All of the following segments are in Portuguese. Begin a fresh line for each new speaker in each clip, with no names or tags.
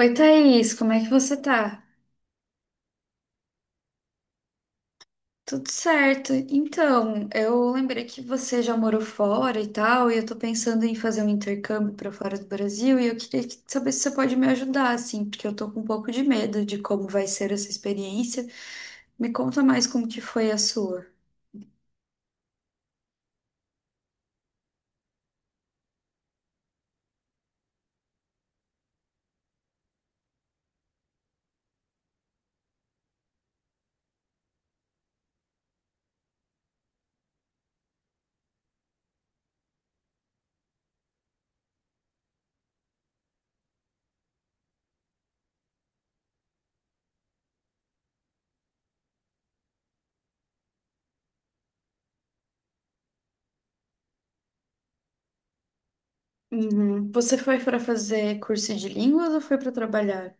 Oi, Thaís, como é que você tá? Tudo certo. Então, eu lembrei que você já morou fora e tal, e eu tô pensando em fazer um intercâmbio pra fora do Brasil, e eu queria que- saber se você pode me ajudar, assim, porque eu tô com um pouco de medo de como vai ser essa experiência. Me conta mais como que foi a sua. Uhum. Você foi pra fazer curso de línguas ou foi pra trabalhar?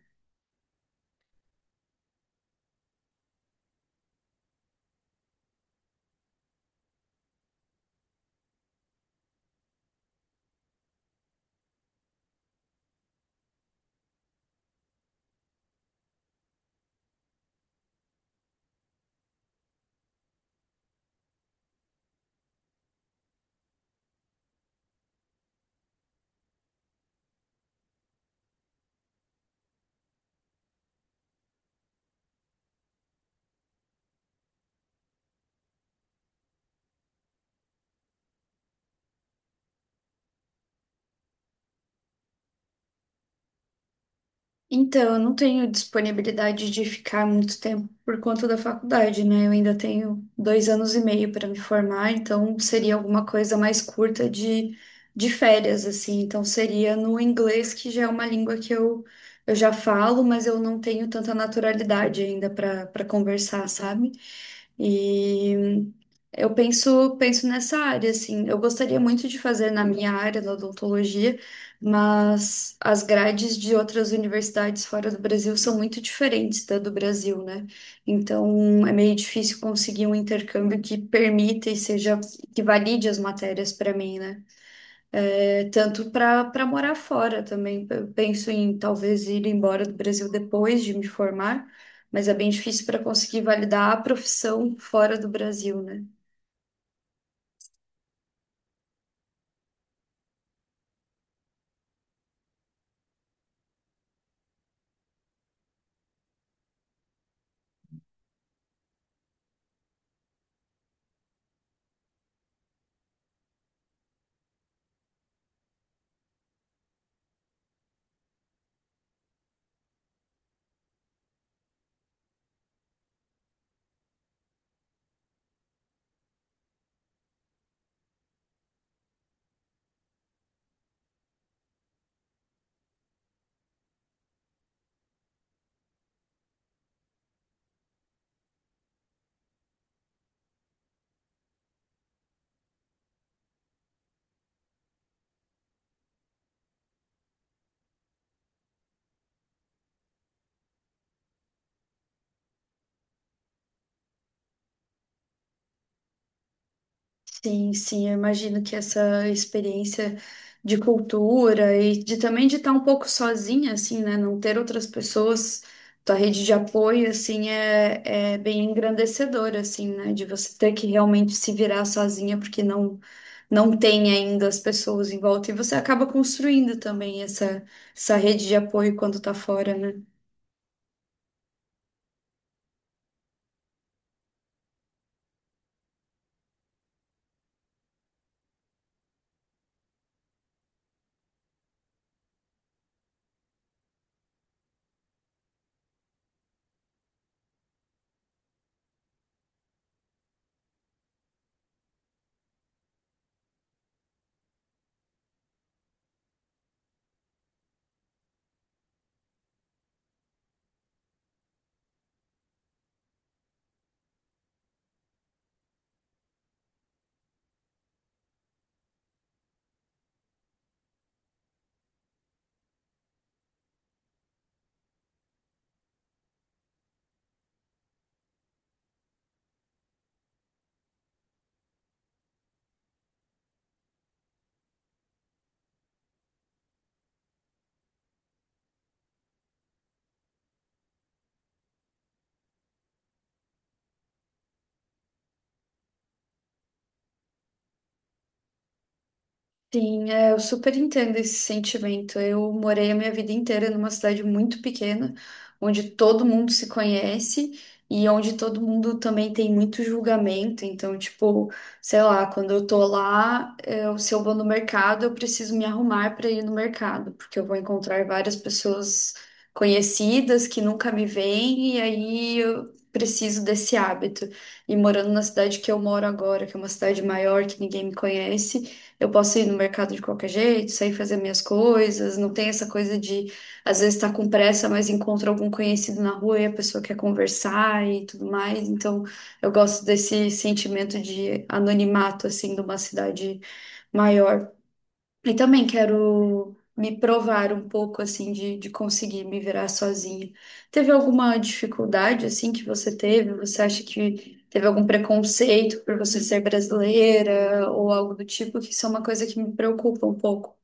Então, eu não tenho disponibilidade de ficar muito tempo por conta da faculdade, né? Eu ainda tenho dois anos e meio para me formar, então seria alguma coisa mais curta de férias, assim. Então, seria no inglês, que já é uma língua que eu já falo, mas eu não tenho tanta naturalidade ainda para conversar, sabe? E eu penso nessa área, assim. Eu gostaria muito de fazer na minha área, da odontologia. Mas as grades de outras universidades fora do Brasil são muito diferentes da do Brasil, né? Então é meio difícil conseguir um intercâmbio que permita e seja que valide as matérias para mim, né? É, tanto para morar fora também. Eu penso em talvez ir embora do Brasil depois de me formar, mas é bem difícil para conseguir validar a profissão fora do Brasil, né? Sim, sim, eu imagino que essa experiência de cultura e de também de estar um pouco sozinha, assim, né? Não ter outras pessoas, tua rede de apoio, assim, é, é bem engrandecedora, assim, né? De você ter que realmente se virar sozinha, porque não tem ainda as pessoas em volta. E você acaba construindo também essa rede de apoio quando tá fora, né? Sim, é, eu super entendo esse sentimento. Eu morei a minha vida inteira numa cidade muito pequena, onde todo mundo se conhece e onde todo mundo também tem muito julgamento. Então, tipo, sei lá, quando eu tô lá, eu, se eu vou no mercado, eu preciso me arrumar para ir no mercado, porque eu vou encontrar várias pessoas conhecidas que nunca me veem e aí eu preciso desse hábito. E morando na cidade que eu moro agora, que é uma cidade maior, que ninguém me conhece. Eu posso ir no mercado de qualquer jeito, sair fazer minhas coisas. Não tem essa coisa de, às vezes, estar com pressa, mas encontra algum conhecido na rua e a pessoa quer conversar e tudo mais. Então, eu gosto desse sentimento de anonimato, assim, de uma cidade maior. E também quero me provar um pouco, assim, de conseguir me virar sozinha. Teve alguma dificuldade, assim, que você teve? Você acha que teve algum preconceito por você ser brasileira ou algo do tipo? Que isso é uma coisa que me preocupa um pouco.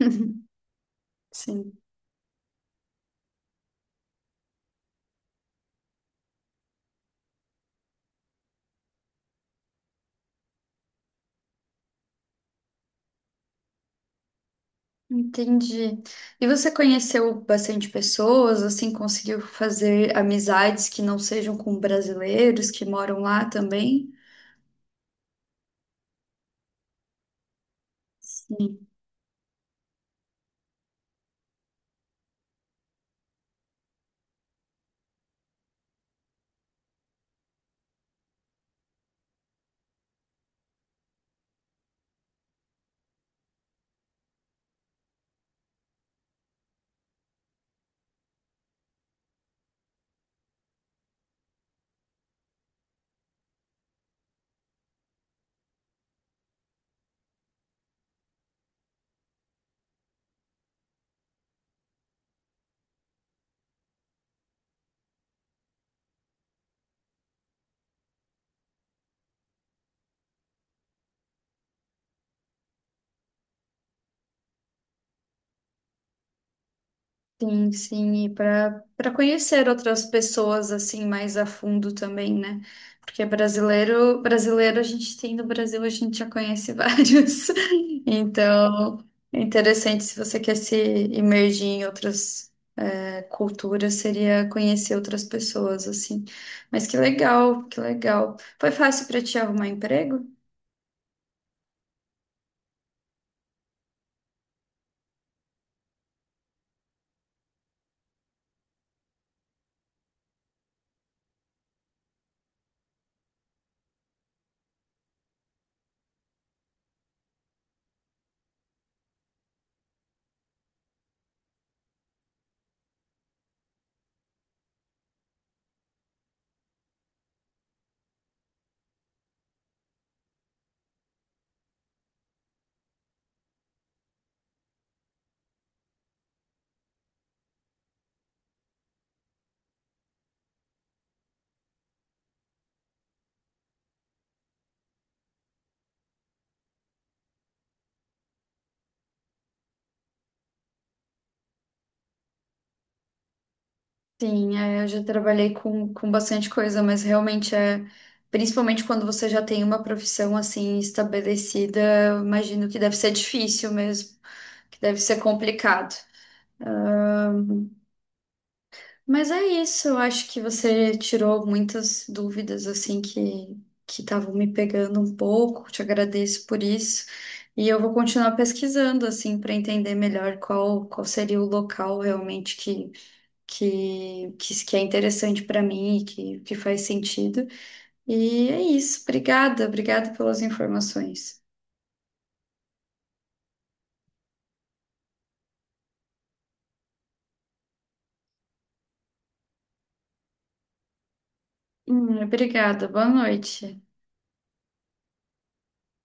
Sim, entendi. E você conheceu bastante pessoas, assim, conseguiu fazer amizades que não sejam com brasileiros que moram lá também? Sim. Sim, sim, e para conhecer outras pessoas assim mais a fundo também, né? Porque brasileiro, brasileiro a gente tem no Brasil, a gente já conhece vários. Então, é interessante se você quer se imergir em outras culturas, seria conhecer outras pessoas assim. Mas que legal, que legal. Foi fácil para te arrumar emprego? Sim, é, eu já trabalhei com bastante coisa, mas realmente é, principalmente quando você já tem uma profissão assim estabelecida, eu imagino que deve ser difícil mesmo, que deve ser complicado. Mas é isso, eu acho que você tirou muitas dúvidas assim que estavam me pegando um pouco, te agradeço por isso. E eu vou continuar pesquisando assim para entender melhor qual seria o local realmente que é interessante para mim e que faz sentido. E é isso. Obrigada, obrigada pelas informações. Obrigada, boa noite.